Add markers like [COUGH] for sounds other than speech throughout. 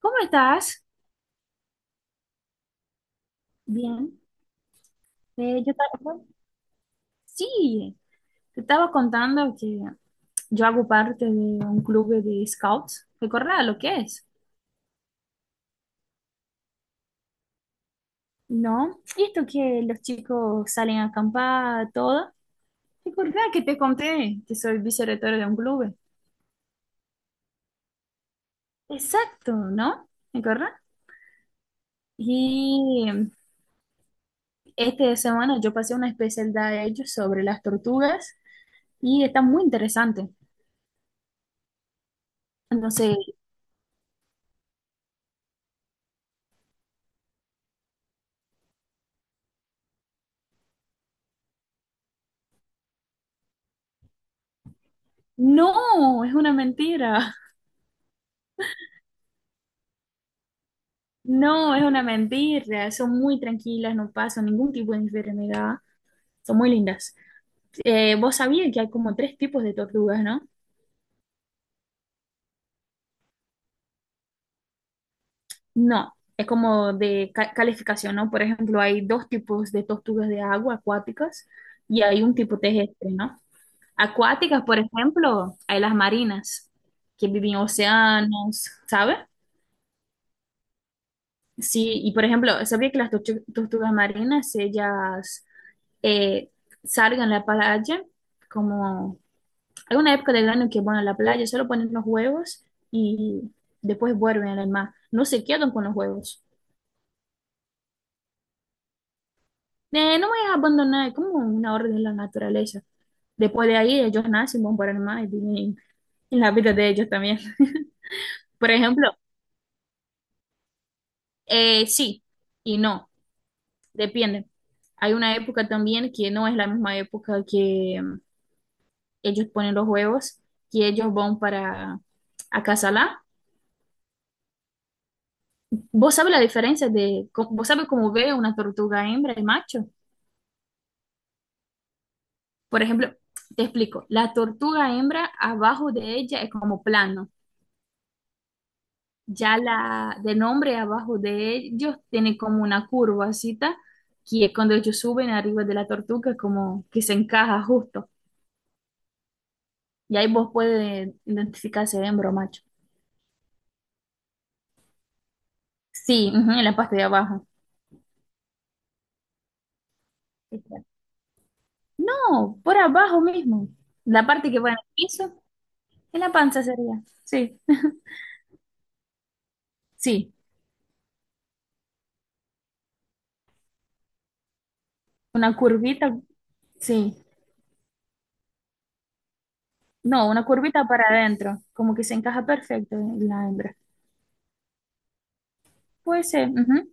¿Cómo estás? Bien. Eh, yo ta- sí, te estaba contando que yo hago parte de un club de scouts. ¿Recordás lo que es? ¿No? Y esto que los chicos salen a acampar, todo. ¿Recordás que te conté que soy vicerrectora de un club? Exacto, ¿no? ¿Recordás? Y esta semana yo pasé una especialidad de ellos sobre las tortugas y está muy interesante. Entonces, no, es una mentira. No, es una mentira. Son muy tranquilas, no pasan ningún tipo de enfermedad. Son muy lindas. Vos sabías que hay como tres tipos de tortugas, ¿no? No, es como de calificación, ¿no? Por ejemplo, hay dos tipos de tortugas de agua acuáticas y hay un tipo terrestre, ¿no? Acuáticas, por ejemplo, hay las marinas que viven en océanos, ¿sabes? Sí, y por ejemplo, sabía que las tortugas marinas, ellas eh, salgan a la playa como hay una época del año que van a la playa, solo ponen los huevos y después vuelven al mar. No se quedan con los huevos. No voy a abandonar, es como una orden de la naturaleza. Después de ahí, ellos nacen, van para el mar y tienen y la vida de ellos también. [LAUGHS] Por ejemplo, sí y no, depende. Hay una época también que no es la misma época que ellos ponen los huevos, que ellos van para acasalar. ¿Vos sabés la diferencia de, vos sabés cómo ve una tortuga hembra y macho? Por ejemplo, te explico, la tortuga hembra abajo de ella es como plano, ya la de nombre abajo de ellos tiene como una curvacita, que es cuando ellos suben arriba de la tortuga, como que se encaja justo, y ahí vos puedes identificar si es hembra o macho. Sí, ujú, en la parte de abajo. Exacto. No, por abajo mismo, la parte que va en el piso, en la panza sería, sí, sí, una curvita, sí. No, una curvita para adentro, como que se encaja perfecto en la hembra. Puede ser, ujú,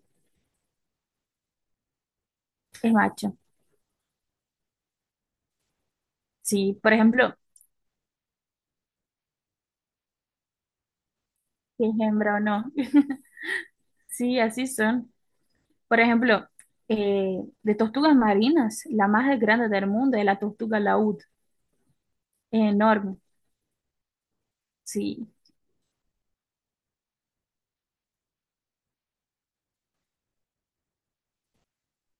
es macho. Sí, por ejemplo, si es hembra o no. [LAUGHS] Sí, así son. Por ejemplo, eh, de tortugas marinas, la más grande del mundo es la tortuga laúd. Es enorme, sí.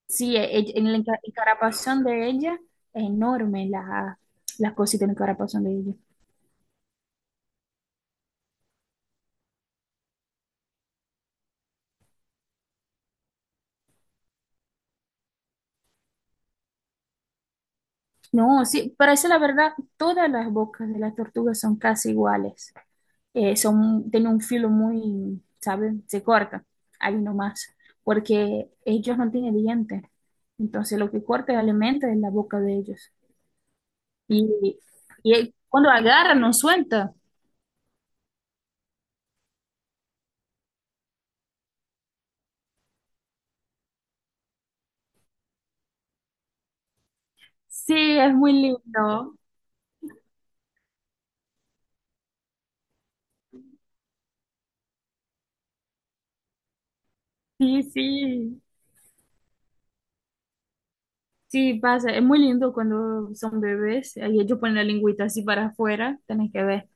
Sí, en la encarapazón de ella es enorme la, las cositas en el encarapazón de ella. No, sí, para decir la verdad, todas las bocas de las tortugas son casi iguales. Eh, son, tienen un filo muy, ¿sabes? Se corta ahí nomás, porque ellos no tienen dientes. Entonces lo que corta el alimento es la boca de ellos. Y, y cuando agarran, no suelta. Sí, es muy lindo. Sí, sí, sí, pasa. Es muy lindo cuando son bebés. Ahí ellos ponen la lingüita así para afuera, tenés que ver.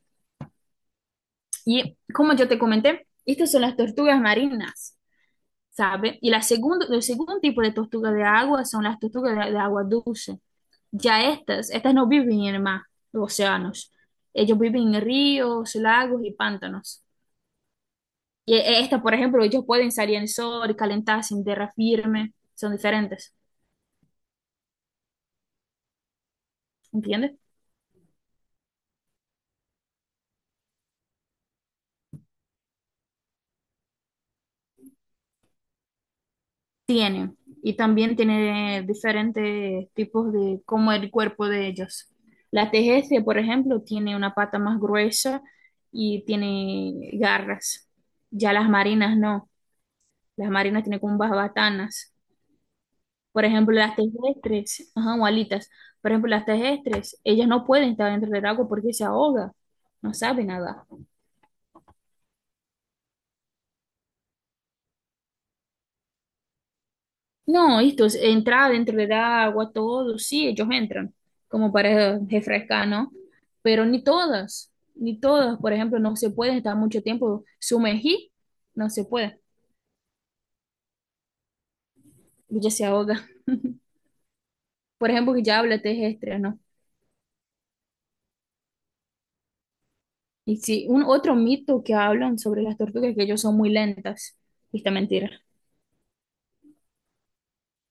Y como yo te comenté, estas son las tortugas marinas. ¿Sabe? Y la segundo, el segundo tipo de tortuga de agua son las tortugas de agua dulce. Ya estas, estas no viven en el mar, los océanos. Ellos viven en ríos, lagos y pantanos. Y estas, por ejemplo, ellos pueden salir en el sol, calentarse en tierra firme, son diferentes, ¿entiendes? Tienen, y también tiene diferentes tipos de cómo el cuerpo de ellos. La tejece, por ejemplo, tiene una pata más gruesa y tiene garras. Ya las marinas no. Las marinas tienen como unas batanas. Por ejemplo, las terrestres, ajá, o alitas. Por ejemplo, las terrestres, ellas no pueden estar dentro del agua porque se ahoga. No sabe nada. No, esto es entrar dentro del agua, todo. Sí, ellos entran, como para refrescar, ¿no? Pero ni todas, ni todas. Por ejemplo, no se pueden estar mucho tiempo sumergir. No se puede. Ella se ahoga. [LAUGHS] Por ejemplo, que ya habla terrestre, ¿no? Y sí, un otro mito que hablan sobre las tortugas es que ellos son muy lentas. Y esta mentira.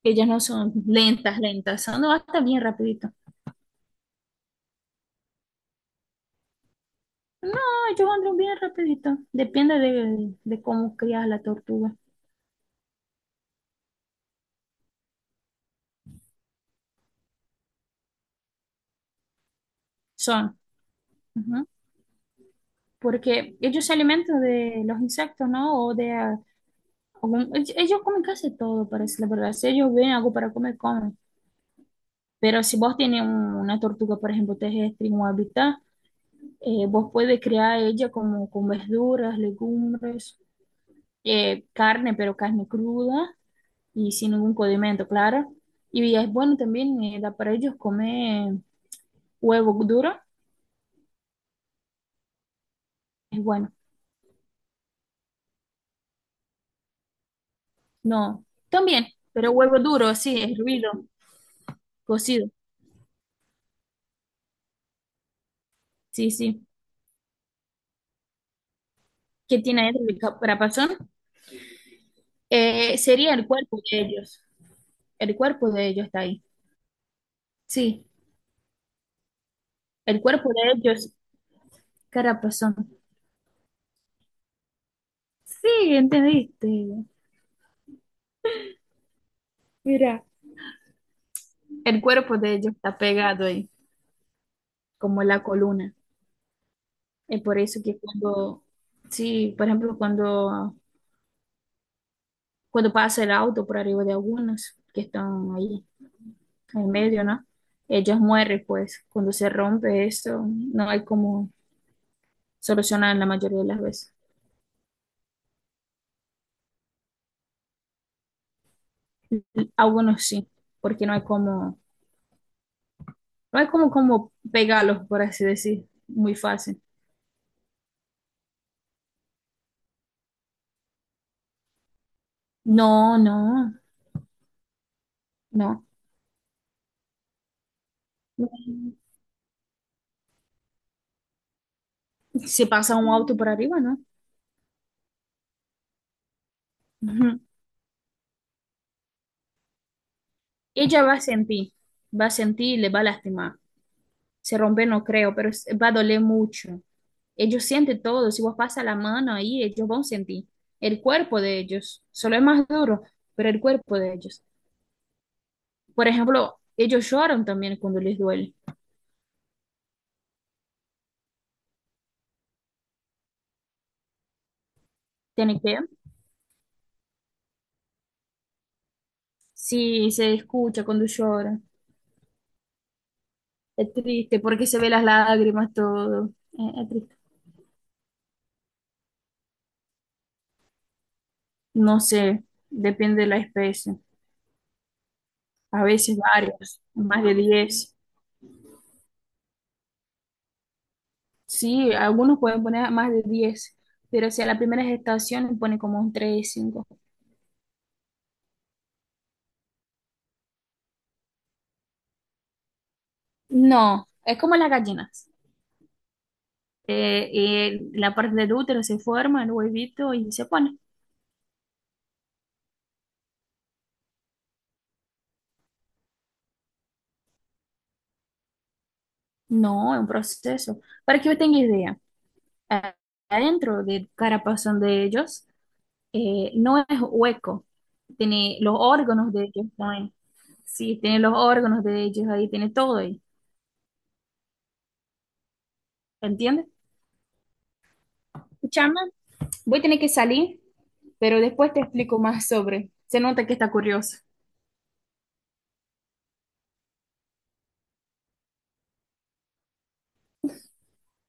Ellas no son lentas, lentas. Son hasta bien rapidito. No, ellos andan bien rapidito. Depende de cómo crías la tortuga. Son. Ujú. Porque ellos se alimentan de los insectos, ¿no? Ellos comen casi todo, parece la verdad. Si ellos ven algo para comer, comen. Pero si vos tienes una tortuga, por ejemplo, terrestre en un hábitat, vos puedes criar ella como con verduras, legumbres, carne, pero carne cruda y sin ningún condimento, claro. Y es bueno también, da para ellos comer huevo duro, es bueno. No, también, pero huevo duro, sí, es hervido, cocido, sí, sí. ¿Qué tiene dentro de caparazón? Sería el cuerpo de ellos. El cuerpo de ellos está ahí. Sí, el cuerpo de ellos, carapazón. Sí, entendiste. Mira, el cuerpo de ellos está pegado ahí, como la columna. Es por eso que cuando, sí, por ejemplo, cuando, cuando pasa el auto por arriba de algunas que están ahí en medio, ¿no? Ellas mueren, pues, cuando se rompe eso, no hay como solucionar la mayoría de las veces. Algunos sí, porque no hay como, no hay como, como pegarlos, por así decir, muy fácil. No, no, no. Si pasa un auto por arriba, ¿no? Ujú. Ella va a sentir y le va a lastimar. Se rompe no creo, pero es- va a doler mucho. Ellos sienten todo, si vos pasas la mano ahí, ellos van a sentir el cuerpo de ellos. Solo es más duro, pero el cuerpo de ellos. Por ejemplo, ellos lloran también cuando les duele. Tienen que, sí, se escucha cuando lloran. Es triste porque se ve las lágrimas, todo. Es triste. No sé, depende de la especie. A veces varios, más de 10. Sí, algunos pueden poner más de 10, pero si a la primera gestación pone como un 3-5. No, es como las gallinas. La parte del útero se forma, el huevito y se pone. No, es un proceso. Para que yo tenga idea, a- adentro del carapazón de ellos no es hueco, tiene los órganos de ellos, ¿no? Sí, tiene los órganos de ellos ahí, tiene todo ahí, ¿entiendes? Escúchame. Voy a tener que salir, pero después te explico más sobre. Se nota que está curioso.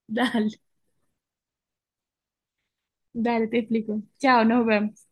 [LAUGHS] Dale, dale, te explico. Chao, nos vemos.